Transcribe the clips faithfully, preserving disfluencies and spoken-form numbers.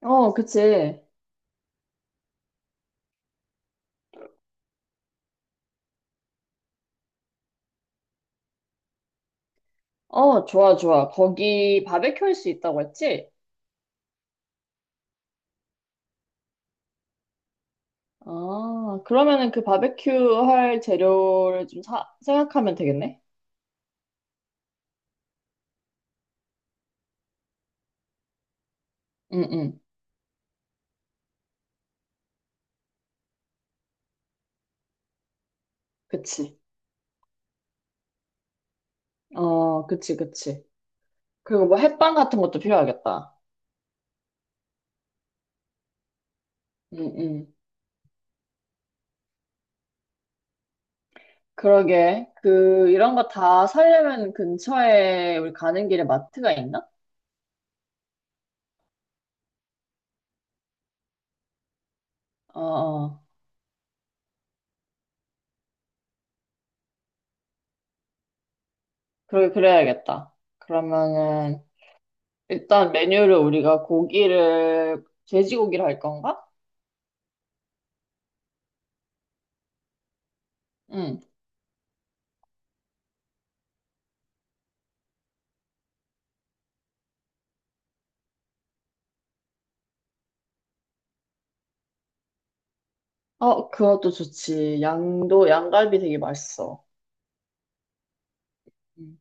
어, 그치. 어, 좋아, 좋아. 거기 바베큐 할 수 있다고 했지? 아, 그러면은 그 바베큐 할 재료를 좀 사, 생각하면 되겠네? 응, 응. 그치. 어, 그치, 그치. 그리고 뭐 햇반 같은 것도 필요하겠다. 응, 응. 그러게. 그, 이런 거 다 사려면 근처에 우리 가는 길에 마트가 있나? 어, 어. 그러게, 그래야겠다. 그러면은, 일단 메뉴를 우리가 고기를, 돼지고기를 할 건가? 응. 어, 그것도 좋지. 양도, 양갈비 되게 맛있어. 음.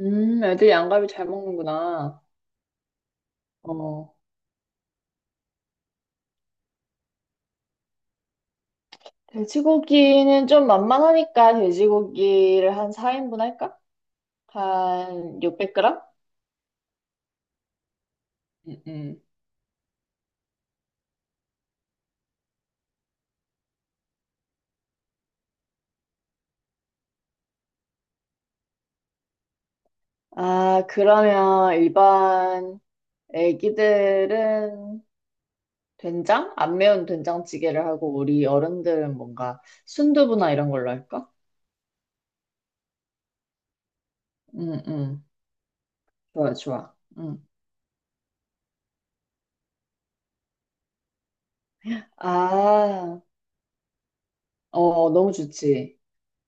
음, 애들 양갈비 잘 먹는구나. 어. 돼지고기는 좀 만만하니까 돼지고기를 한 사 인분 할까? 한 육백 그램? 음, 음. 아, 그러면 일반 애기들은 된장? 안 매운 된장찌개를 하고 우리 어른들은 뭔가 순두부나 이런 걸로 할까? 응응 좋아, 좋아. 응. 아, 어, 너무 좋지.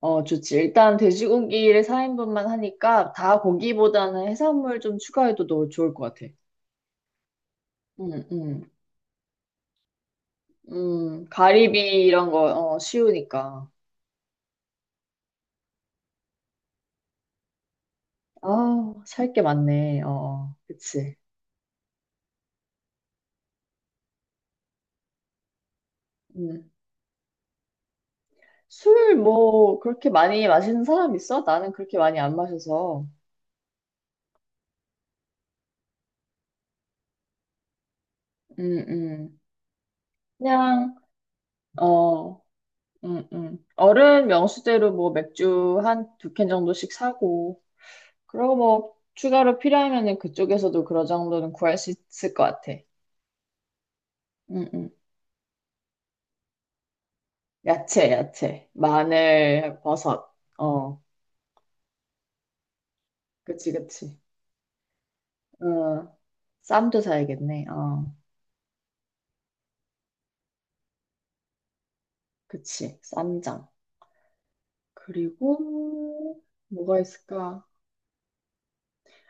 어, 좋지. 일단 돼지고기를 사 인분만 하니까 다 고기보다는 해산물 좀 추가해도 너 좋을 것 같아. 응, 응, 응. 가리비 이런 거, 어, 쉬우니까. 아, 살 게 많네. 어, 어, 그치. 음. 술 뭐, 그렇게 많이 마시는 사람 있어? 나는 그렇게 많이 안 마셔서. 음, 음. 그냥, 어, 음, 음. 어른 명수대로 뭐 맥주 한 두 캔 정도씩 사고. 그리고 뭐 추가로 필요하면은 그쪽에서도 그런 정도는 구할 수 있을 것 같아. 응, 응. 야채, 야채. 마늘, 버섯. 어, 그치, 그치. 어, 쌈도 사야겠네. 어, 그치. 쌈장. 그리고 뭐가 있을까?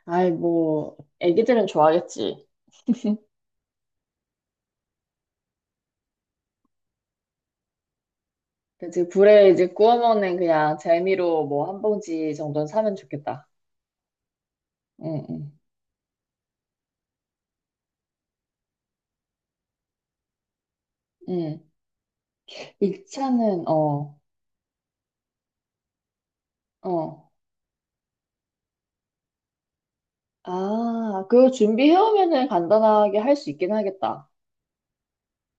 아이, 뭐, 애기들은 좋아하겠지. 그치, 불에 이제 구워 먹는 그냥 재미로 뭐 한 봉지 정도는 사면 좋겠다. 응, 응, 응. 일 차는, 어, 어. 아, 그거 준비해오면은 간단하게 할 수 있긴 하겠다.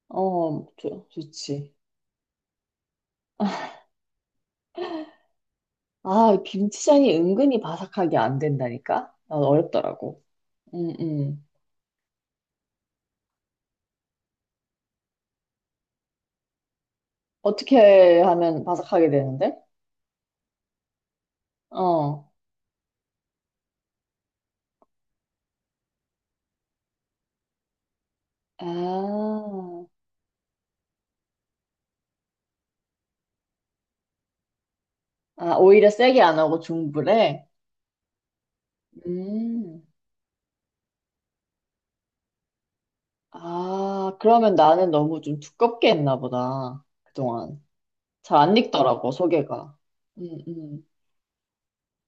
어, 좋, 좋지. 아, 김치전이 은근히 바삭하게 안 된다니까? 난 어렵더라고. 음, 음. 어떻게 하면 바삭하게 되는데? 어. 아, 아, 오히려 세게 안 하고 중불에? 음. 아, 그러면 나는 너무 좀 두껍게 했나 보다. 그동안. 잘 안 익더라고, 소개가. 음, 음.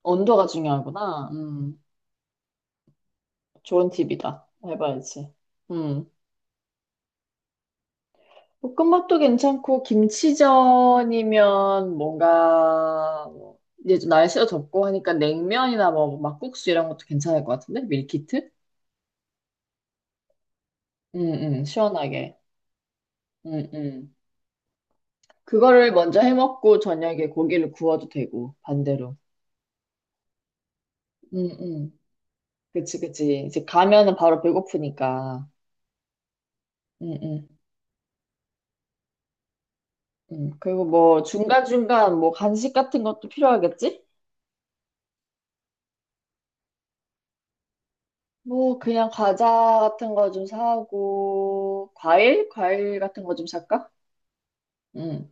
온도가 중요하구나. 음. 좋은 팁이다. 해봐야지. 음. 볶음밥도 괜찮고, 김치전이면 뭔가, 뭐 이제 좀 날씨가 덥고 하니까 냉면이나 뭐 막국수 이런 것도 괜찮을 것 같은데? 밀키트? 응, 응, 시원하게. 응, 응. 그거를 먼저 해먹고 저녁에 고기를 구워도 되고, 반대로. 응, 응. 그치, 그치. 이제 가면은 바로 배고프니까. 응, 응. 응. 그리고 뭐 중간중간 뭐 간식 같은 것도 필요하겠지? 뭐, 그냥 과자 같은 거 좀 사고, 과일? 과일 같은 거 좀 살까? 응,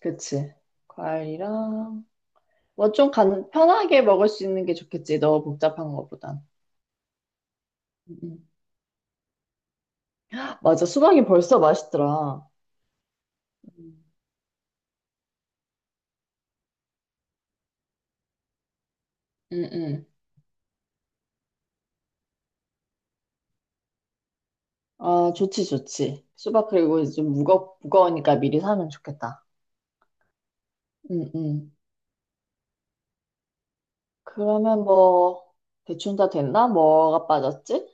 그치. 과일이랑, 뭐 좀 간, 편하게 먹을 수 있는 게 좋겠지. 너무 복잡한 거보단. 응, 응. 맞아. 수박이 벌써 맛있더라. 응, 응. 응. 아, 좋지, 좋지. 수박 그리고 이제 좀 무거, 무거우니까 미리 사면 좋겠다. 응, 응. 그러면 뭐, 대충 다 됐나? 뭐가 빠졌지?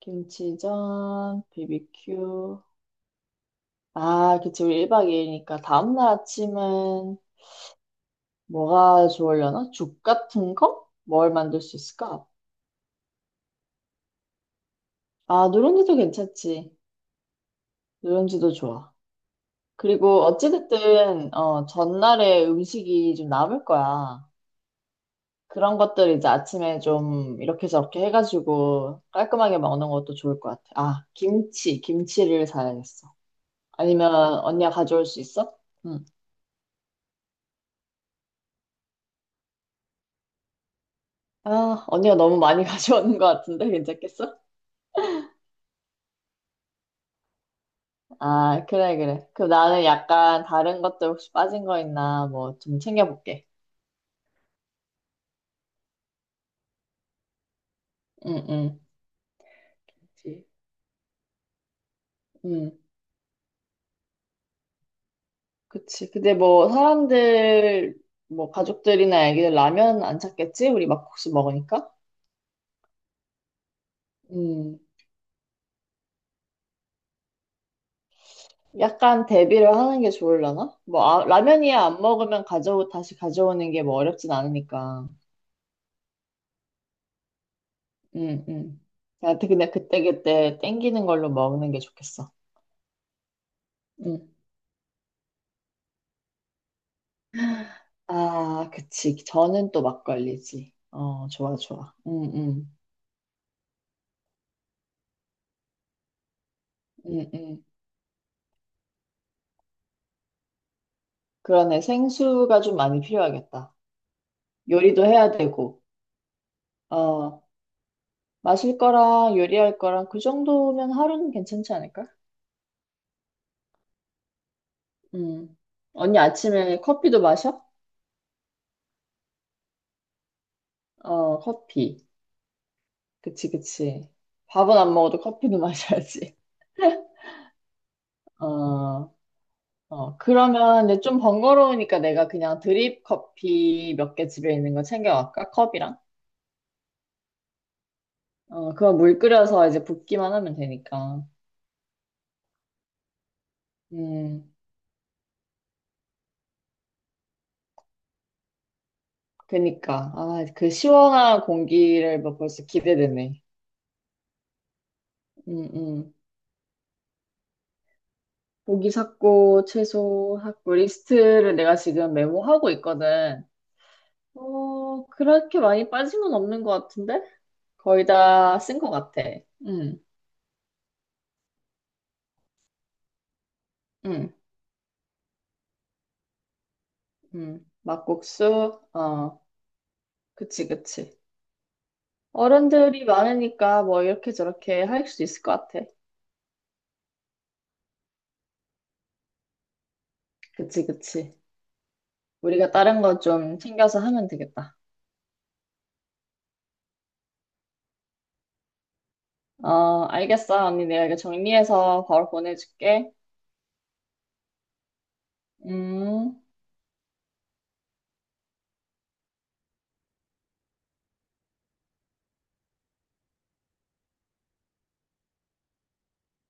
김치전, 비비큐. 아, 그치. 우리 일 박 이 일이니까 다음날 아침은 뭐가 좋으려나? 죽 같은 거? 뭘 만들 수 있을까? 아, 누룽지도 괜찮지. 누룽지도 좋아. 그리고 어찌됐든, 어, 전날에 음식이 좀 남을 거야. 그런 것들 이제 아침에 좀 이렇게 저렇게 해가지고 깔끔하게 먹는 것도 좋을 것 같아. 아, 김치. 김치를 사야겠어. 아니면 언니가 가져올 수 있어? 응. 아, 언니가 너무 많이 가져오는 것 같은데 괜찮겠어? 아, 그래, 그래. 그럼 나는 약간 다른 것들 혹시 빠진 거 있나, 뭐, 좀 챙겨볼게. 응, 응. 그치? 응. 그치. 근데 뭐, 사람들, 뭐, 가족들이나 애기들 라면 안 찾겠지? 우리 막국수 먹으니까? 음. 약간 대비를 하는 게 좋을라나? 뭐, 아, 라면이야 안 먹으면 가져, 다시 가져오는 게 뭐 어렵진 않으니까. 응, 응. 나한테 그냥 그때그때 땡기는 걸로 먹는 게 좋겠어. 응. 아, 그치. 저는 또 막걸리지. 어, 좋아, 좋아. 응, 응, 응, 응. 그러네. 생수가 좀 많이 필요하겠다. 요리도 해야 되고. 어, 마실 거랑 요리할 거랑 그 정도면 하루는 괜찮지 않을까? 응. 언니 아침에 커피도 마셔? 어, 커피. 그치, 그치. 밥은 안 먹어도 커피는 마셔야지. 어, 어. 그러면 이제 좀 번거로우니까 내가 그냥 드립 커피 몇 개 집에 있는 거 챙겨갈까? 컵이랑? 어, 그거 물 끓여서 이제 붓기만 하면 되니까. 음, 그니까. 아, 그 시원한 공기를 뭐 벌써 기대되네. 음, 음. 고기 샀고, 채소 샀고, 리스트를 내가 지금 메모하고 있거든. 어, 그렇게 많이 빠진 건 없는 것 같은데? 거의 다 쓴 것 같아. 응, 응, 응. 막국수, 어, 그치, 그치. 어른들이 많으니까 뭐 이렇게 저렇게 할 수 있을 것 같아. 그치, 그치. 우리가 다른 거 좀 챙겨서 하면 되겠다. 어, 알겠어. 언니 내가 이거 정리해서 바로 보내줄게. 음.